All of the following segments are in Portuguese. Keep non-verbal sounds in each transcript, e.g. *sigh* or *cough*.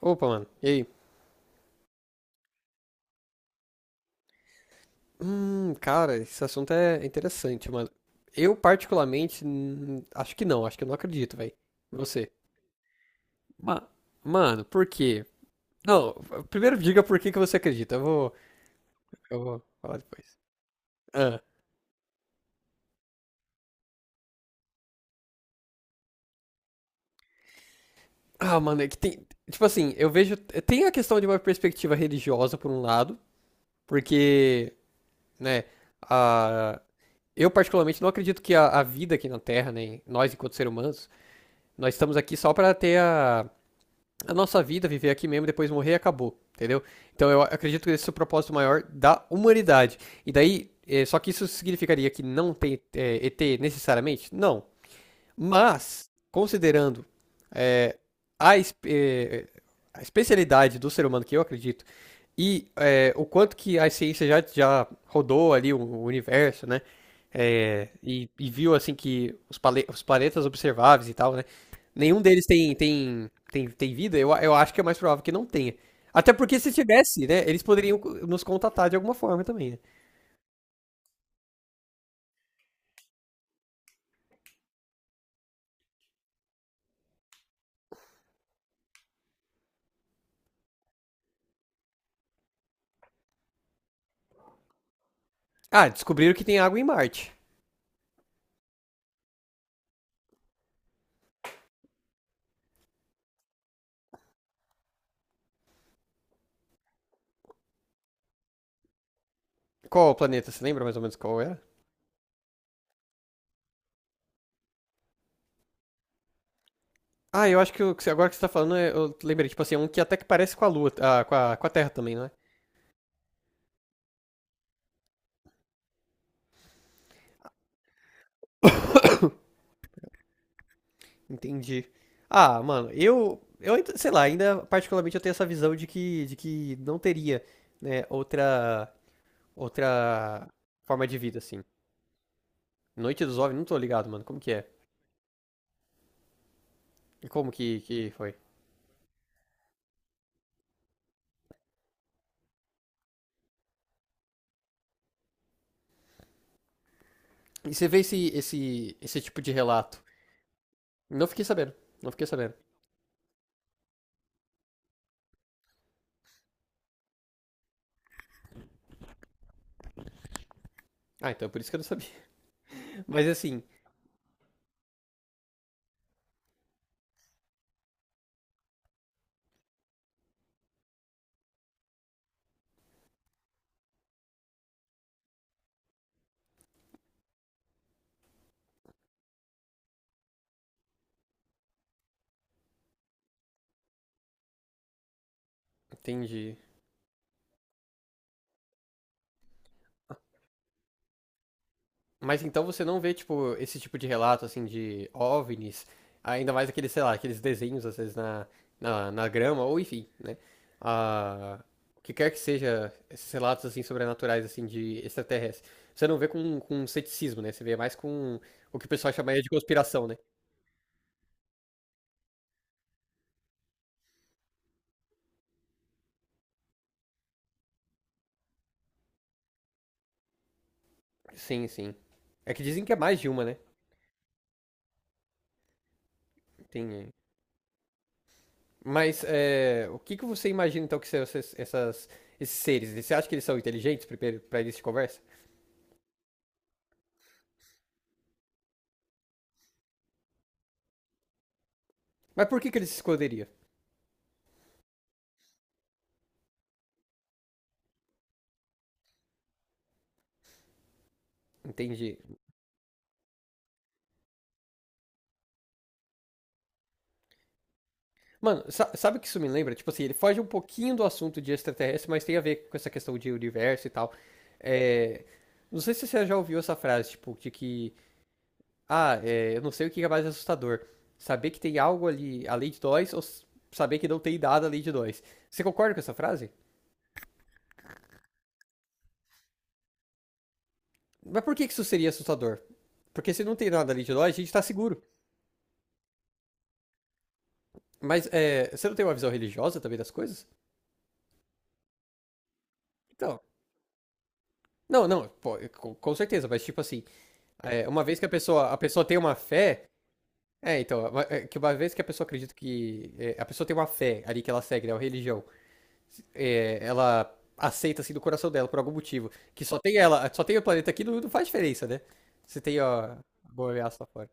Opa, mano. E aí? Cara, esse assunto é interessante, mano. Eu, particularmente, acho que não. Acho que eu não acredito, velho. Você. Ma- Mano, por quê? Não, primeiro diga por que que você acredita. Eu vou falar depois. Ah, Ah, mano, é que tem. Tipo assim, eu vejo. Tem a questão de uma perspectiva religiosa, por um lado, porque, né, a, eu, particularmente, não acredito que a vida aqui na Terra, nem nós, enquanto seres humanos, nós estamos aqui só para ter a nossa vida, viver aqui mesmo, depois morrer, e acabou, entendeu? Então eu acredito que esse é o propósito maior da humanidade. E daí, só que isso significaria que não tem ET necessariamente? Não. Mas, considerando é, a, espe- a especialidade do ser humano, que eu acredito, e o quanto que a ciência já rodou ali o universo, né? É, e viu assim que os planetas observáveis e tal, né? Nenhum deles tem vida, eu acho que é mais provável que não tenha. Até porque se tivesse, né? Eles poderiam nos contatar de alguma forma também, né? Ah, descobriram que tem água em Marte. Qual o planeta? Você lembra mais ou menos qual era? Ah, eu acho que o que agora que você tá falando, eu lembrei, tipo assim, é um que até que parece com a Lua, com a Terra também, não é? Entendi. Ah, mano, sei lá, ainda particularmente eu tenho essa visão de que não teria, né, outra forma de vida, assim. Noite dos OVNIs, não tô ligado, mano, como que é? E como que foi? E você vê esse tipo de relato? Não fiquei sabendo, não fiquei sabendo. Ah, então é por isso que eu não sabia. *laughs* Mas assim, entendi. Mas então você não vê, tipo, esse tipo de relato, assim, de OVNIs, ainda mais aqueles, sei lá, aqueles desenhos, às vezes, na grama, ou enfim, né? Ah, o que quer que seja esses relatos, assim, sobrenaturais, assim, de extraterrestres. Você não vê com ceticismo, né? Você vê mais com o que o pessoal chamaria de conspiração, né? Sim, sim. É que dizem que é mais de uma, né? Tem. É. Mas é, o que que você imagina, então, que são esses seres? Você acha que eles são inteligentes, primeiro, pra início de conversa? Mas por que que eles se esconderiam? Entendi. Mano, sabe o que isso me lembra? Tipo assim, ele foge um pouquinho do assunto de extraterrestre, mas tem a ver com essa questão de universo e tal. É, Não sei se você já ouviu essa frase, tipo, de que. Ah, eu não sei o que é mais assustador. Saber que tem algo ali além de nós ou saber que não tem nada além de nós. Você concorda com essa frase? Mas por que que isso seria assustador? Porque se não tem nada além de nós, a gente tá seguro. Mas você não tem uma visão religiosa também das coisas? Então. Não, não, pô, com certeza, mas tipo assim. Uma vez que a pessoa tem uma fé. Então, é que uma vez que a pessoa acredita que. A pessoa tem uma fé ali que ela segue, né? Uma religião. Ela aceita assim do coração dela, por algum motivo. Que só tem ela, só tem o planeta aqui, não, não faz diferença, né? Você tem, ó, boa ameaça lá fora.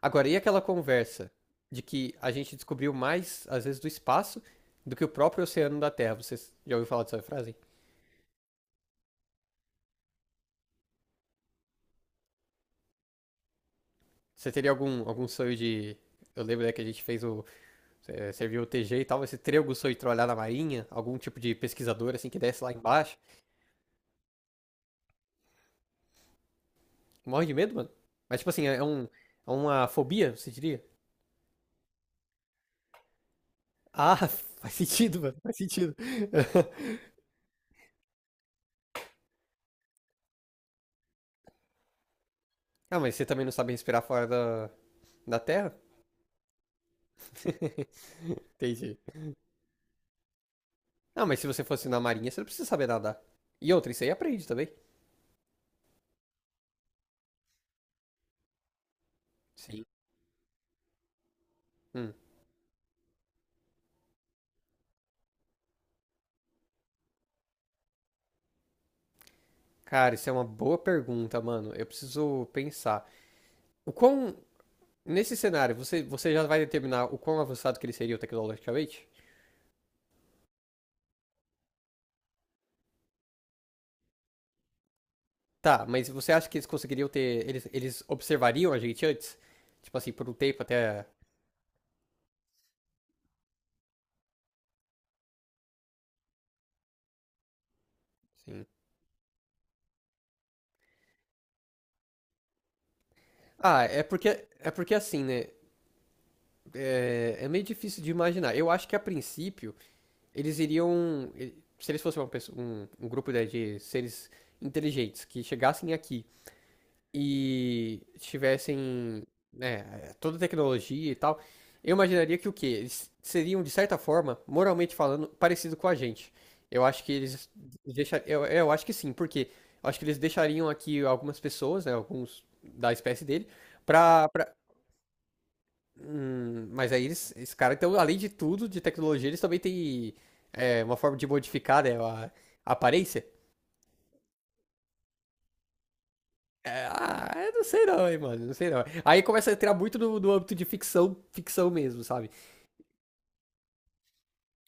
Agora, e aquela conversa de que a gente descobriu mais, às vezes, do espaço do que o próprio oceano da Terra? Você já ouviu falar dessa frase? Você teria algum sonho de. Eu lembro, né, que a gente fez o serviu o TG e tal, esse Trego foi trollar na marinha, algum tipo de pesquisador assim que desce lá embaixo. Morre de medo, mano. Mas tipo assim, é uma fobia, você diria? Ah, *laughs* faz sentido, mano, faz sentido. *laughs* Ah, mas você também não sabe respirar fora da terra? *laughs* Entendi. Ah, mas se você fosse na marinha, você não precisa saber nadar. E outra, isso aí aprende também. Sim. Hum. Cara, isso é uma boa pergunta, mano. Eu preciso pensar. O quão. Nesse cenário, você já vai determinar o quão avançado que ele seria tecnologicamente? Tá, mas você acha que eles conseguiriam ter. Eles observariam a gente antes? Tipo assim, por um tempo até. Assim. Ah, é porque. É porque assim, né? É meio difícil de imaginar. Eu acho que a princípio, eles iriam. Se eles fossem um grupo, né, de seres inteligentes que chegassem aqui e tivessem, né, toda a tecnologia e tal, eu imaginaria que o quê? Eles seriam, de certa forma, moralmente falando, parecido com a gente. Eu acho que eles eu acho que sim, porque eu acho que eles deixariam aqui algumas pessoas, né, alguns da espécie dele, pra. Mas aí eles, esse cara, então, além de tudo, de tecnologia, eles também têm uma forma de modificar, né, a aparência. É, ah, eu não sei não, hein, mano. Não sei não. Aí começa a entrar muito no âmbito de ficção, ficção mesmo, sabe?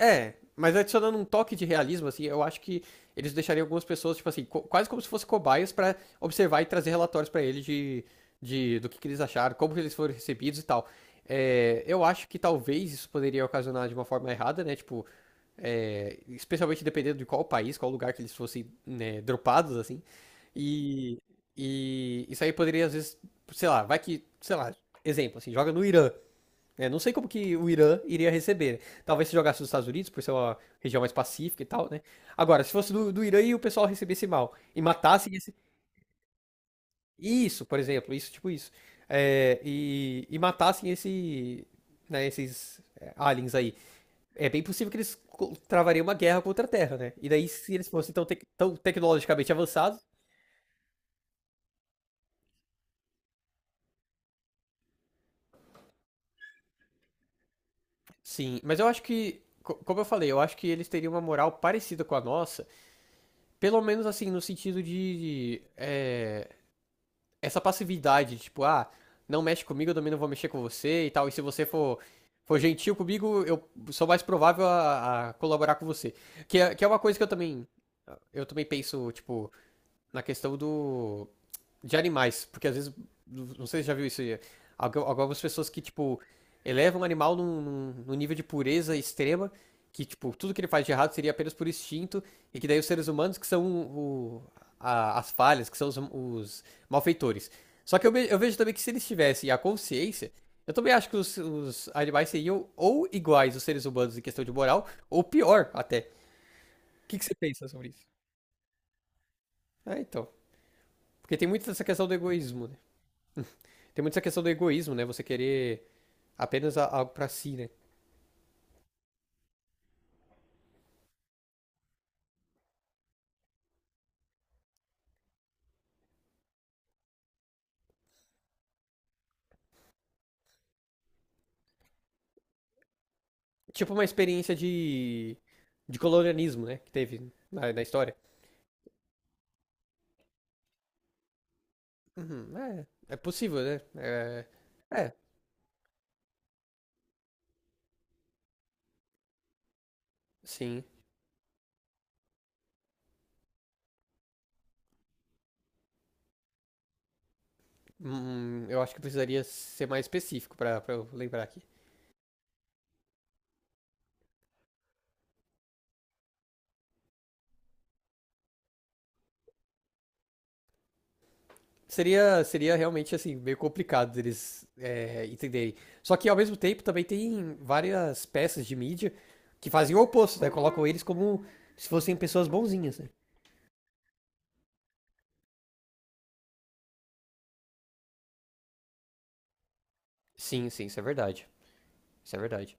É, mas adicionando um toque de realismo, assim, eu acho que eles deixariam algumas pessoas, tipo assim, quase como se fossem cobaias pra observar e trazer relatórios pra eles do que eles acharam, como que eles foram recebidos e tal. É, eu acho que talvez isso poderia ocasionar de uma forma errada, né? Tipo, especialmente dependendo de qual país, qual lugar que eles fossem, né, dropados, assim. E, e isso aí poderia, às vezes, sei lá, vai que, sei lá, exemplo, assim, joga no Irã. Né? Não sei como que o Irã iria receber. Né? Talvez se jogasse nos Estados Unidos, por ser uma região mais pacífica e tal, né? Agora, se fosse do Irã e o pessoal recebesse mal, e matassem esse. Isso, por exemplo, isso, tipo isso. É, e matassem esse, né, esses aliens aí. É bem possível que eles travariam uma guerra contra a Terra, né? E daí, se eles fossem tão tecnologicamente avançados, sim. Mas eu acho que, como eu falei, eu acho que eles teriam uma moral parecida com a nossa, pelo menos assim, no sentido de, essa passividade, tipo, ah, não mexe comigo, eu também não vou mexer com você e tal. E se você for gentil comigo, eu sou mais provável a colaborar com você. Que é uma coisa que eu também penso, tipo, na questão do de animais, porque às vezes, não sei se já viu isso aí, algumas pessoas que, tipo, elevam o animal num nível de pureza extrema, que, tipo, tudo que ele faz de errado seria apenas por instinto, e que daí os seres humanos que são as falhas, que são os malfeitores. Só que eu vejo também que se eles tivessem a consciência, eu também acho que os animais seriam ou iguais aos seres humanos em questão de moral, ou pior até. O que que você pensa sobre isso? É, então. Porque tem muito essa questão do egoísmo, né? Tem muito essa questão do egoísmo, né? Você querer apenas algo pra si, né? Tipo uma experiência de colonialismo, né? Que teve na história. Uhum, é possível, né? É, sim. Eu acho que precisaria ser mais específico pra eu lembrar aqui. Seria realmente, assim, meio complicado deles entenderem. Só que, ao mesmo tempo, também tem várias peças de mídia que fazem o oposto, né? Colocam eles como se fossem pessoas bonzinhas, né? Sim, sim, isso é verdade. Isso é verdade.